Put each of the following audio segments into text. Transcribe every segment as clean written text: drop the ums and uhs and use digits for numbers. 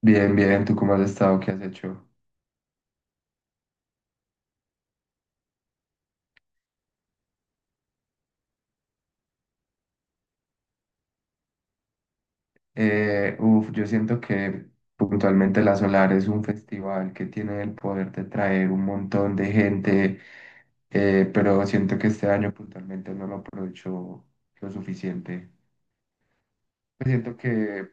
Bien, bien, ¿tú cómo has estado? ¿Qué has hecho? Yo siento que puntualmente La Solar es un festival que tiene el poder de traer un montón de gente, pero siento que este año puntualmente no lo aprovechó lo suficiente. Pues siento que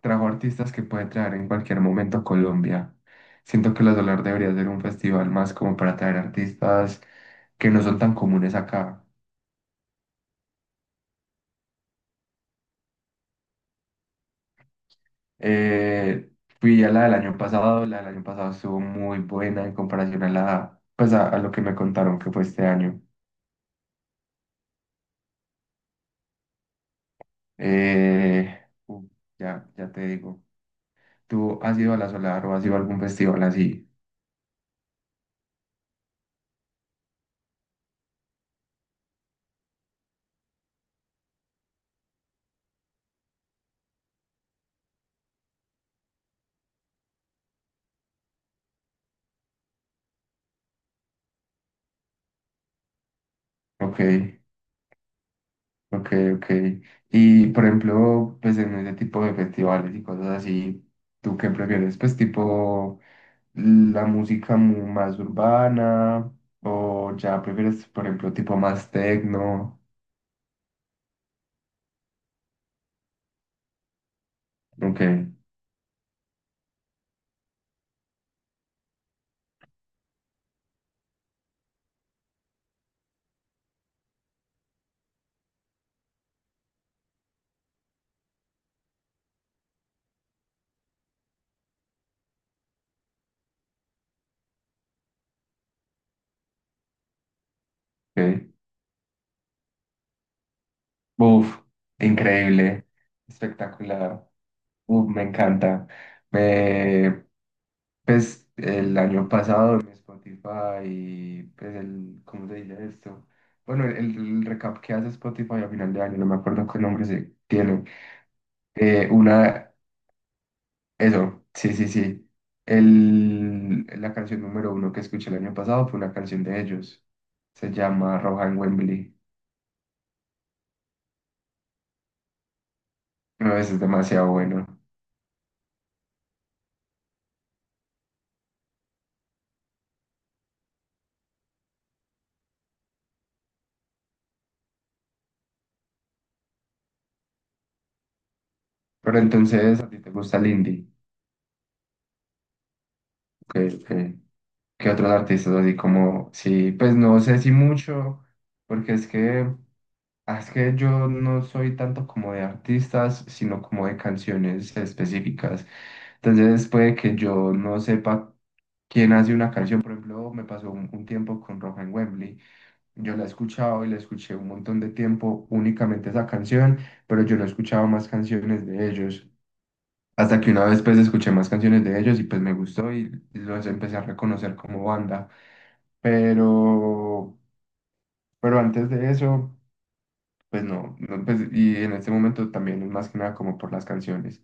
trajo artistas que puede traer en cualquier momento a Colombia. Siento que La Solar debería ser un festival más como para traer artistas que no son tan comunes acá. Eh, Fui a la del año pasado, la del año pasado estuvo muy buena en comparación a la, pues a lo que me contaron que fue este año. Eh, uh, ya te digo. ¿Tú has ido a la Solar o has ido a algún festival así? Ok, ok, ok. Y por ejemplo, pues en ese tipo de festivales y cosas así, ¿tú qué prefieres? Pues tipo la música más urbana o ya prefieres, por ejemplo, tipo más techno. Ok, ok. Uf, increíble, espectacular. Uf, me encanta. Me, pues el año pasado mi Spotify y pues el, ¿cómo se dice esto? Bueno, el recap que hace Spotify a final de año, no me acuerdo qué nombre se tiene. Eh, una, eso, sí, sí, sí. El, la canción número uno que escuché el año pasado fue una canción de ellos. Se llama Rohan Wembley. No, eso es demasiado bueno. Pero entonces, ¿a ti te gusta el indie? que, que- que otros artistas así como, sí, pues no sé si mucho, porque es que, ah, es que yo no soy tanto como de artistas, sino como de canciones específicas. Entonces puede que yo no sepa quién hace una canción, por ejemplo, me pasó un tiempo con Roja en Wembley. Yo la he escuchado y la escuché un montón de tiempo únicamente esa canción, pero yo no he escuchado más canciones de ellos. Hasta que una vez pues escuché más canciones de ellos y pues me gustó y los empecé a reconocer como banda. Pero, pero antes de eso, pues no, no, pues, y en este momento también es más que nada como por las canciones.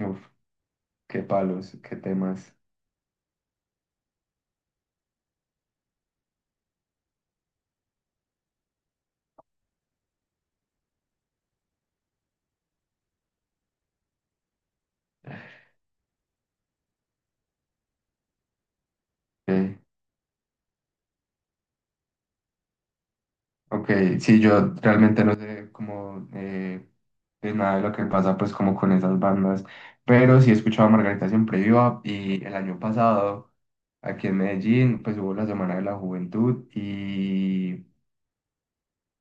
Uf, qué palos, qué temas. Eh, ok, sí, yo realmente no sé cómo de nada de lo que pasa pues como con esas bandas, pero sí he escuchado a Margarita Siempre Viva y el año pasado aquí en Medellín pues hubo la Semana de la Juventud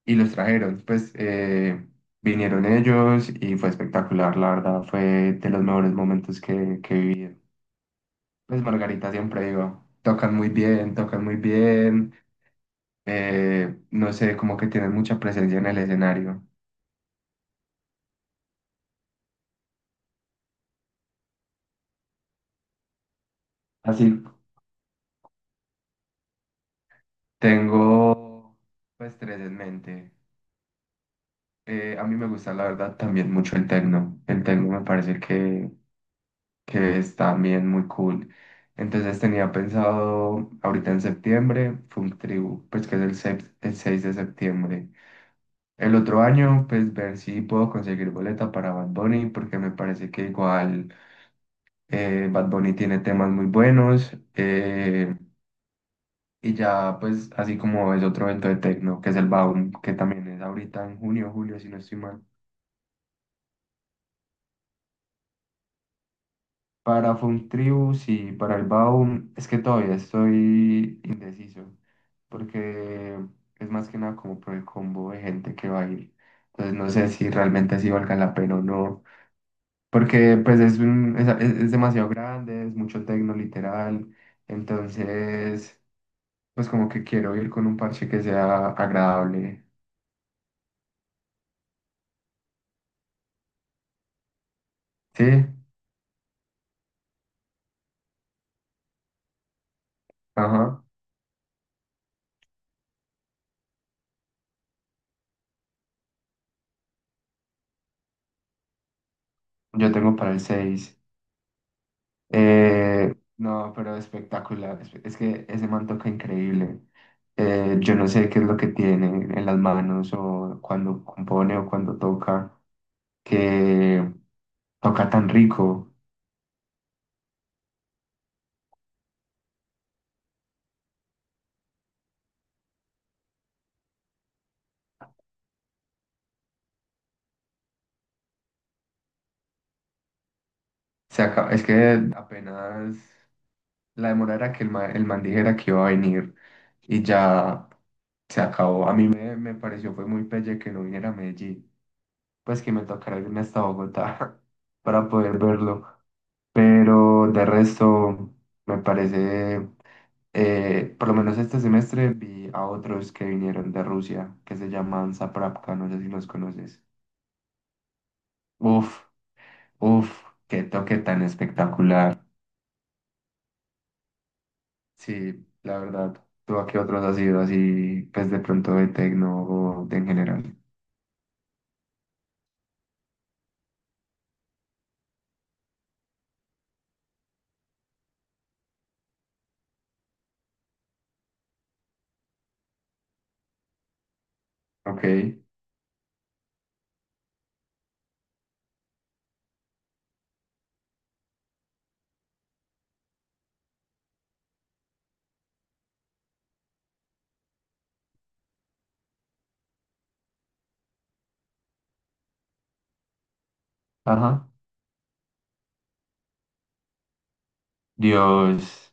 y los trajeron. Pues, vinieron ellos y fue espectacular, la verdad, fue de los mejores momentos que viví. Pues Margarita siempre iba, tocan muy bien, no sé, como que tienen mucha presencia en el escenario. Así, tengo pues tres en mente. A mí me gusta, la verdad, también mucho el tecno. El tecno me parece que es también muy cool. Entonces tenía pensado ahorita en septiembre, Funk Tribu, pues que es el, el 6 de septiembre. El otro año, pues ver si puedo conseguir boleta para Bad Bunny, porque me parece que igual Bad Bunny tiene temas muy buenos. Y ya, pues así como es otro evento de techno, que es el Baum, que también es ahorita en junio, julio, si no estoy mal. Para Funtribus y para el Baum, es que todavía estoy indeciso, porque es más que nada como por el combo de gente que va a ir. Entonces no sé si realmente así valga la pena o no, porque pues es, un, es, es demasiado grande, es mucho tecno literal, entonces pues como que quiero ir con un parche que sea agradable. Sí, ajá, yo tengo para el 6. No, pero espectacular. Es que ese man toca increíble. Yo no sé qué es lo que tiene en las manos o cuando compone o cuando toca, que toca tan rico. Es que apenas la demora era que el man dijera que iba a venir y ya se acabó. A mí me, me pareció fue muy pelle que no viniera a Medellín. Pues que me tocará irme hasta Bogotá para poder verlo. Pero de resto, me parece, por lo menos este semestre vi a otros que vinieron de Rusia, que se llaman Zaprapka, no sé si los conoces. Uf, uf, qué toque tan espectacular. Sí, la verdad. ¿Tú a qué otros has ido así, pues de pronto de tecno o de en general? Ok, ajá. Dios,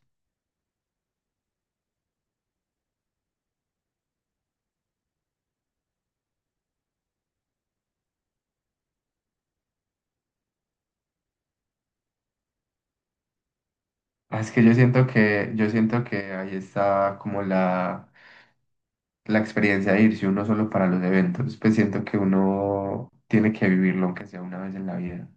ah, es que yo siento que, yo siento que ahí está como la la experiencia de irse uno solo para los eventos, pues siento que uno tiene que vivirlo aunque sea una vez en la vida.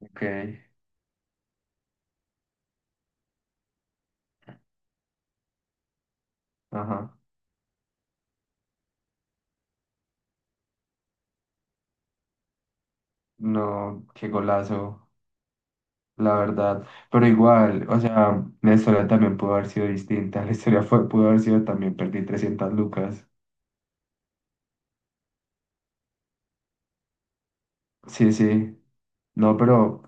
Ok, ajá. No, qué golazo, la verdad. Pero igual, o sea, la historia también pudo haber sido distinta. La historia fue, pudo haber sido también perdí 300 lucas. Sí, sí. No, pero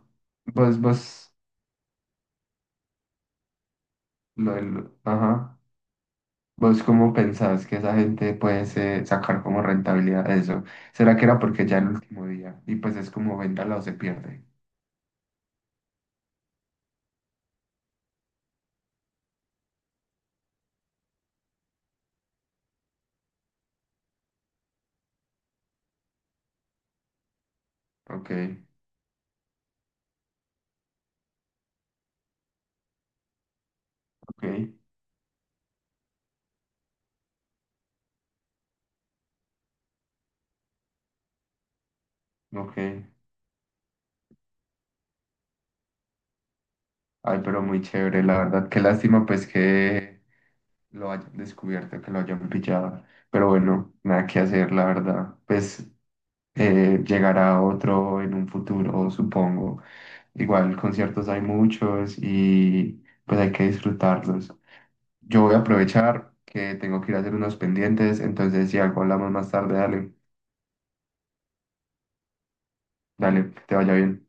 vos, vos, lo del- ajá. ¿Vos cómo pensás que esa gente puede sacar como rentabilidad de eso? ¿Será que era porque ya el último día? Y pues es como véndala o se pierde. Ok, ok, ok. Ay, pero muy chévere, la verdad. Qué lástima, pues, que lo hayan descubierto, que lo hayan pillado. Pero bueno, nada que hacer, la verdad. Pues, llegará otro en un futuro, supongo. Igual, conciertos hay muchos y pues hay que disfrutarlos. Yo voy a aprovechar que tengo que ir a hacer unos pendientes, entonces si algo hablamos más tarde, dale, dale, que te vaya bien.